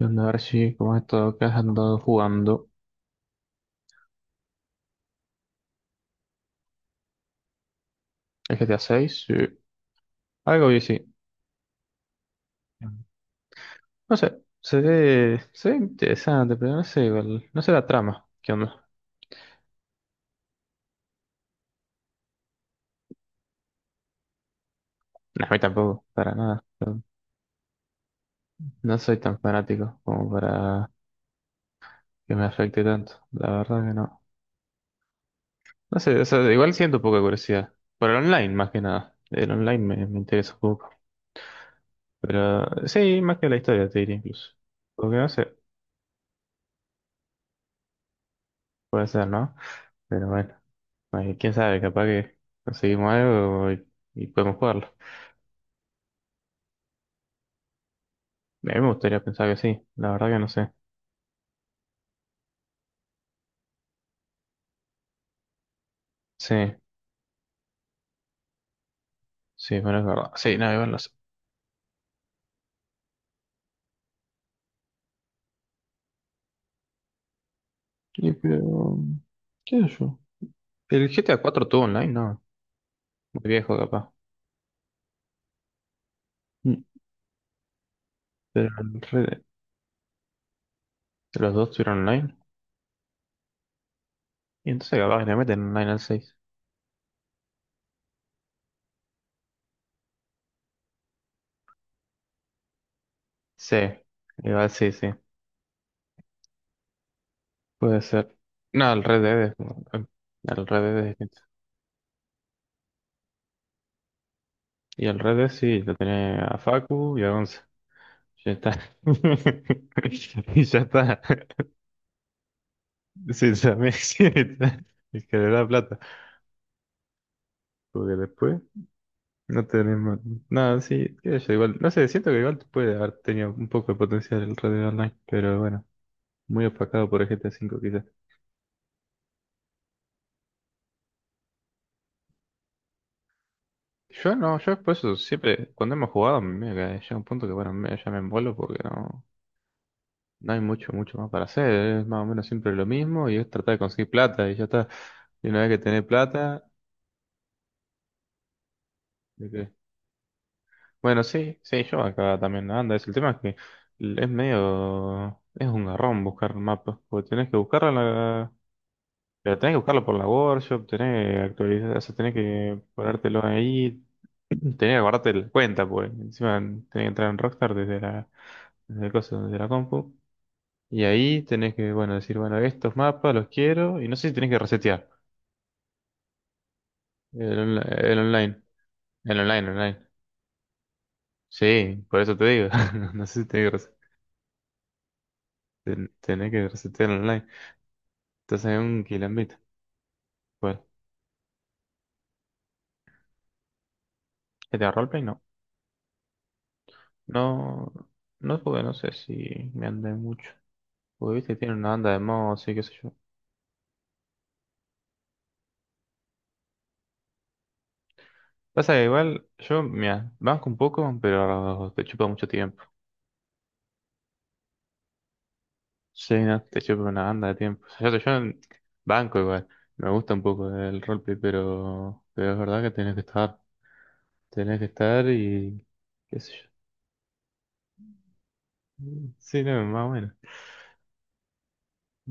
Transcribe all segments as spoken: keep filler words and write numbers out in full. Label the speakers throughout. Speaker 1: Y a ver si, como has estado, que has andado jugando. ¿El G T A seis? Sí. Algo y sí. No sé, se ve, se ve interesante, pero no sé, igual, no sé la trama. ¿Qué onda? No, a mí tampoco, para nada. No no soy tan fanático como para que me afecte tanto. La verdad que no. No sé, o sea, igual siento poca curiosidad. Por el online, más que nada. El online me, me interesa un poco. Pero sí, más que la historia, te diría incluso. Porque no sé, puede ser, ¿no? Pero bueno. Ay, quién sabe, capaz que conseguimos algo y, y podemos jugarlo. A mí me gustaría pensar que sí, la verdad que no sé. Sí, sí, bueno, es verdad. Sí, nada, igual no sé. Y pero, ¿qué sé yo? ¿El G T A cuatro tuvo online? No, muy viejo capaz. Mm. Pero el Red Dead- los dos tuvieron online. Y entonces capaz que le meten online al seis. Sí, igual sí, sí. Puede ser. No, el Red Dead es- el Red Dead es distinto. Y el Red Dead sí, lo tenía a Facu y a Gonza. Ya está. Y ya está. Sí, también sí, está. Es que le da plata. Porque después no tenemos. Nada, sí, qué sé yo, igual. No sé, siento que igual puede haber tenido un poco de potencial el Red Dead Online, pero bueno, muy opacado por el G T A V quizás. Yo no, yo por eso siempre, cuando hemos jugado, me que llega un punto que bueno, me, ya me envuelvo porque no, no hay mucho, mucho más para hacer. Es más o menos siempre lo mismo y es tratar de conseguir plata y ya está. Y una vez que tenés plata, ¿de qué? Bueno, sí, sí, yo acá también anda. Es El tema es que l- es medio, es un garrón buscar mapas, porque tenés que buscarlo en la, pero tenés que buscarlo por la workshop, tenés que actualizar, o sea, tenés que ponértelo ahí, tenés que guardarte la cuenta, pues encima tenés que entrar en Rockstar desde la, desde el coso, desde la compu, y ahí tenés que, bueno, decir, bueno, estos mapas los quiero, y no sé si tenés que resetear el, onla- el online, el online, el online. Sí, por eso te digo, no sé si tenés que resetear. Ten- Tenés que resetear online. Entonces en un kill en beat. Pues, G T A Roleplay no. No, no jugué, no sé si me andé mucho. Porque viste, tiene una banda de mods y qué sé yo. Pasa que igual, yo, mira, banco un poco, pero te chupa mucho tiempo. Sí, no, te chupa una banda de tiempo. O sea, yo, yo banco igual. Me gusta un poco el roleplay, pero, pero es verdad que tenés que estar. Tenés que estar y qué sé yo. Mm, sí, no, más bueno.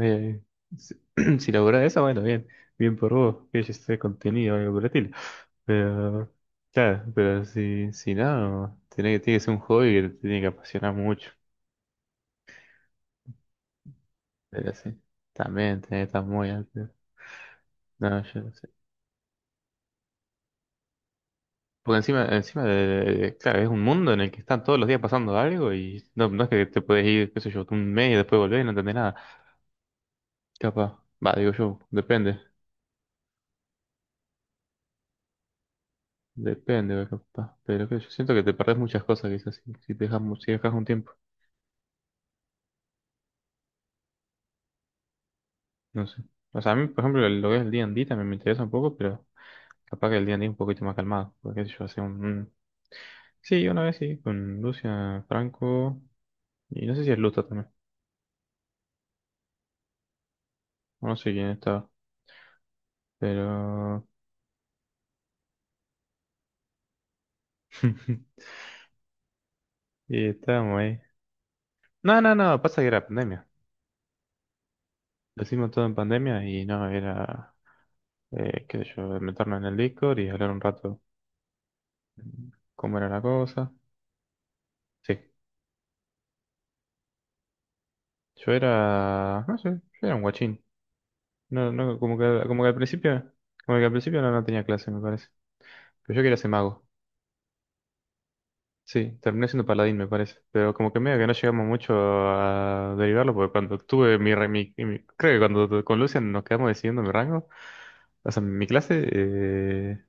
Speaker 1: Eh, si, si logró eso, bueno, bien, bien por vos, que haya este contenido o algo útil. Pero, claro, pero si, si no, tiene que, tiene que ser un hobby que te tiene que apasionar mucho. Pero sí, también tiene que estar muy alto. No, yo no sé. Porque encima, encima de, de- claro, es un mundo en el que están todos los días pasando algo y no, no es que te puedes ir, qué sé yo, un mes y después volver y no entendés nada. Capaz, va, digo yo, depende. Depende, ve, capaz. Pero que yo siento que te perdés muchas cosas quizás si, si te dejas, mu- si dejas un tiempo. No sé. O sea, a mí, por ejemplo, lo que es el D y D también me interesa un poco, pero capaz que el D y D es un poquito más calmado. Porque qué sé yo hace un... un- Sí, una vez sí, con Lucia Franco. Y no sé si es Luta también. No sé quién estaba. Pero. Y estábamos ahí. No, no, no, pasa que era pandemia. Lo hicimos todo en pandemia y no, era. Eh, qué sé yo, meternos en el Discord y hablar un rato, mm, cómo era la cosa. Sí. Yo era, no sé, yo era un guachín. No, no, como que, como que al principio, como que al principio, no, no tenía clase, me parece. Pero yo quería ser mago. Sí, terminé siendo paladín, me parece. Pero como que medio que no llegamos mucho a derivarlo, porque cuando tuve mi, re- mi, mi- creo que cuando tu- con Lucian nos quedamos decidiendo mi rango, o sea, mi clase, eh,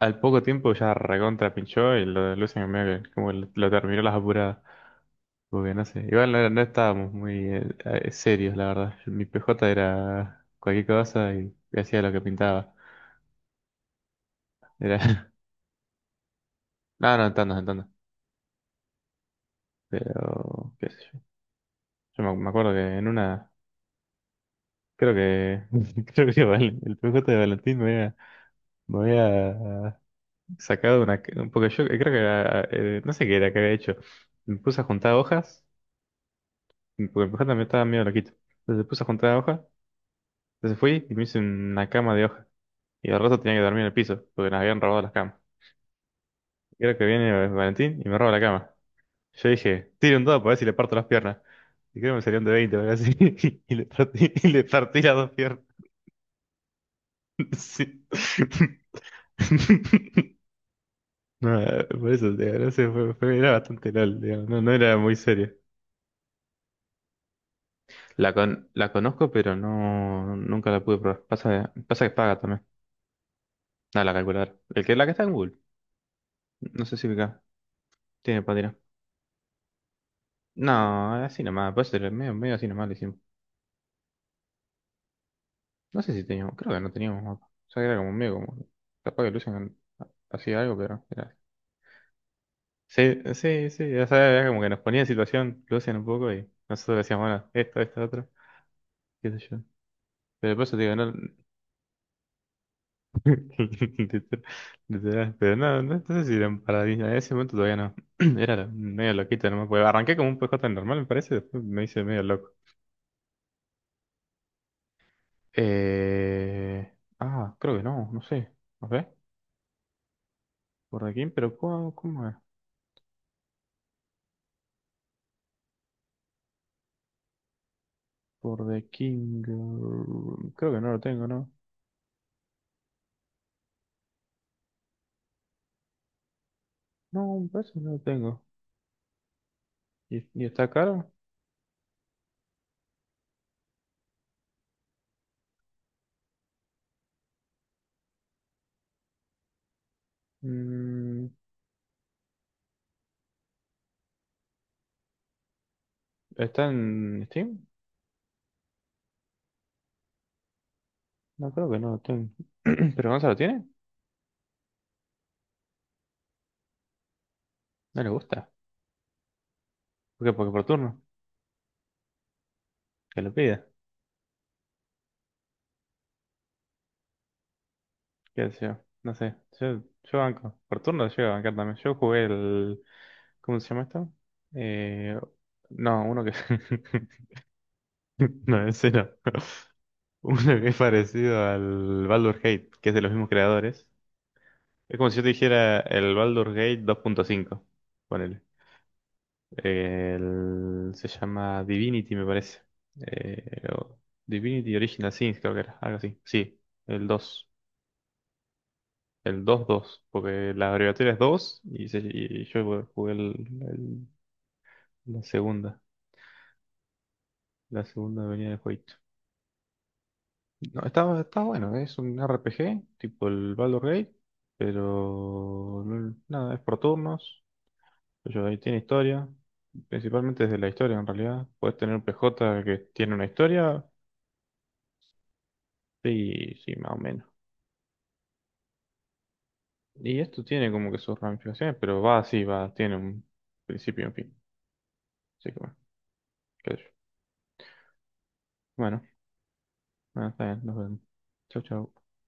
Speaker 1: al poco tiempo ya recontra pinchó y lo de Lucian medio que como que lo, terminó las apuradas. Muy bien, no sé. Igual no, no estábamos muy eh, eh, serios, la verdad. Mi P J era cualquier cosa y hacía lo que pintaba. Era. No, no, en tandas, en tandas. Pero, qué sé yo. Yo me, me acuerdo que en una. Creo que. Creo que Val- el P J de Valentín me había, me había sacado una. Porque yo creo que era. Eh, no sé qué era que había hecho. Me puse a juntar hojas, porque el P J me estaba medio loquito. Entonces me puse a juntar hojas, entonces fui y me hice una cama de hojas. Y al rato tenía que dormir en el piso, porque nos habían robado las camas. Creo que viene Valentín y me roba la cama. Yo dije, tire un dado para ver si le parto las piernas. Y creo que me salieron de veinte, o algo así. Y le partí, y le partí las dos piernas. Sí. No, por eso, digo, no sé, fue- fue- era bastante LOL, digo, no, no era muy serio. La, con, la conozco, pero no, nunca la pude probar. Pasa, pasa que paga también. Nada, la calculadora. El que, la que está en Google. No sé si acá tiene para tirar. No, así nomás, puede ser medio, medio así nomás. No sé si teníamos, creo que no teníamos mapa. O sea, era como medio como. Capaz que Lucian hacía algo, pero era. Sí, sí, sí, ya sabes, era como que nos ponía en situación Lucian un poco y nosotros decíamos, bueno, esto, esto, otro, qué sé yo. Pero por eso te digo, no. Literal, pero no, no, no sé si eran paradigmas. En ese momento todavía no. Era medio loquito, no me acuerdo. Arranqué como un P J normal, me parece, después me hice medio loco. Eh... Ah, creo que no, no sé. No sé, por aquí, pero ¿cómo, cómo es? Por The King. eh, Creo que no lo tengo, ¿no? No, me parece que no lo tengo. ¿Y, y está caro? Mm, ¿Está en Steam? No creo que no lo tengo. ¿Pero Gonza lo tiene? No le gusta. ¿Por qué? Porque por turno. Que lo pida. ¿Qué sé yo? No sé. Yo, yo banco. Por turno llego a bancar también. Yo jugué el. ¿Cómo se llama esto? Eh, no, uno que. No, ese no. Uno que es parecido al Baldur Gate, que es de los mismos creadores. Es como si yo te dijera el Baldur's Gate dos punto cinco. Ponele. El, se llama Divinity, me parece. Eh, o- Divinity Original Sin, creo que era. Algo así. Sí, el dos, el dos dos, porque la abreviatura es dos y, se- y yo jugué el- el- la segunda. La segunda venía del jueguito. No, está, está bueno. Es un R P G, tipo el Baldur's Gate. Pero no- nada, es por turnos. Pues yo ahí tiene historia, principalmente desde la historia en realidad. Puedes tener un P J que tiene una historia, sí, sí, más o menos. Y esto tiene como que sus ramificaciones, pero va así, va, tiene un principio y un fin. Así que bueno, qué sé yo. Bueno, bueno, está bien, nos vemos. Chau, chau.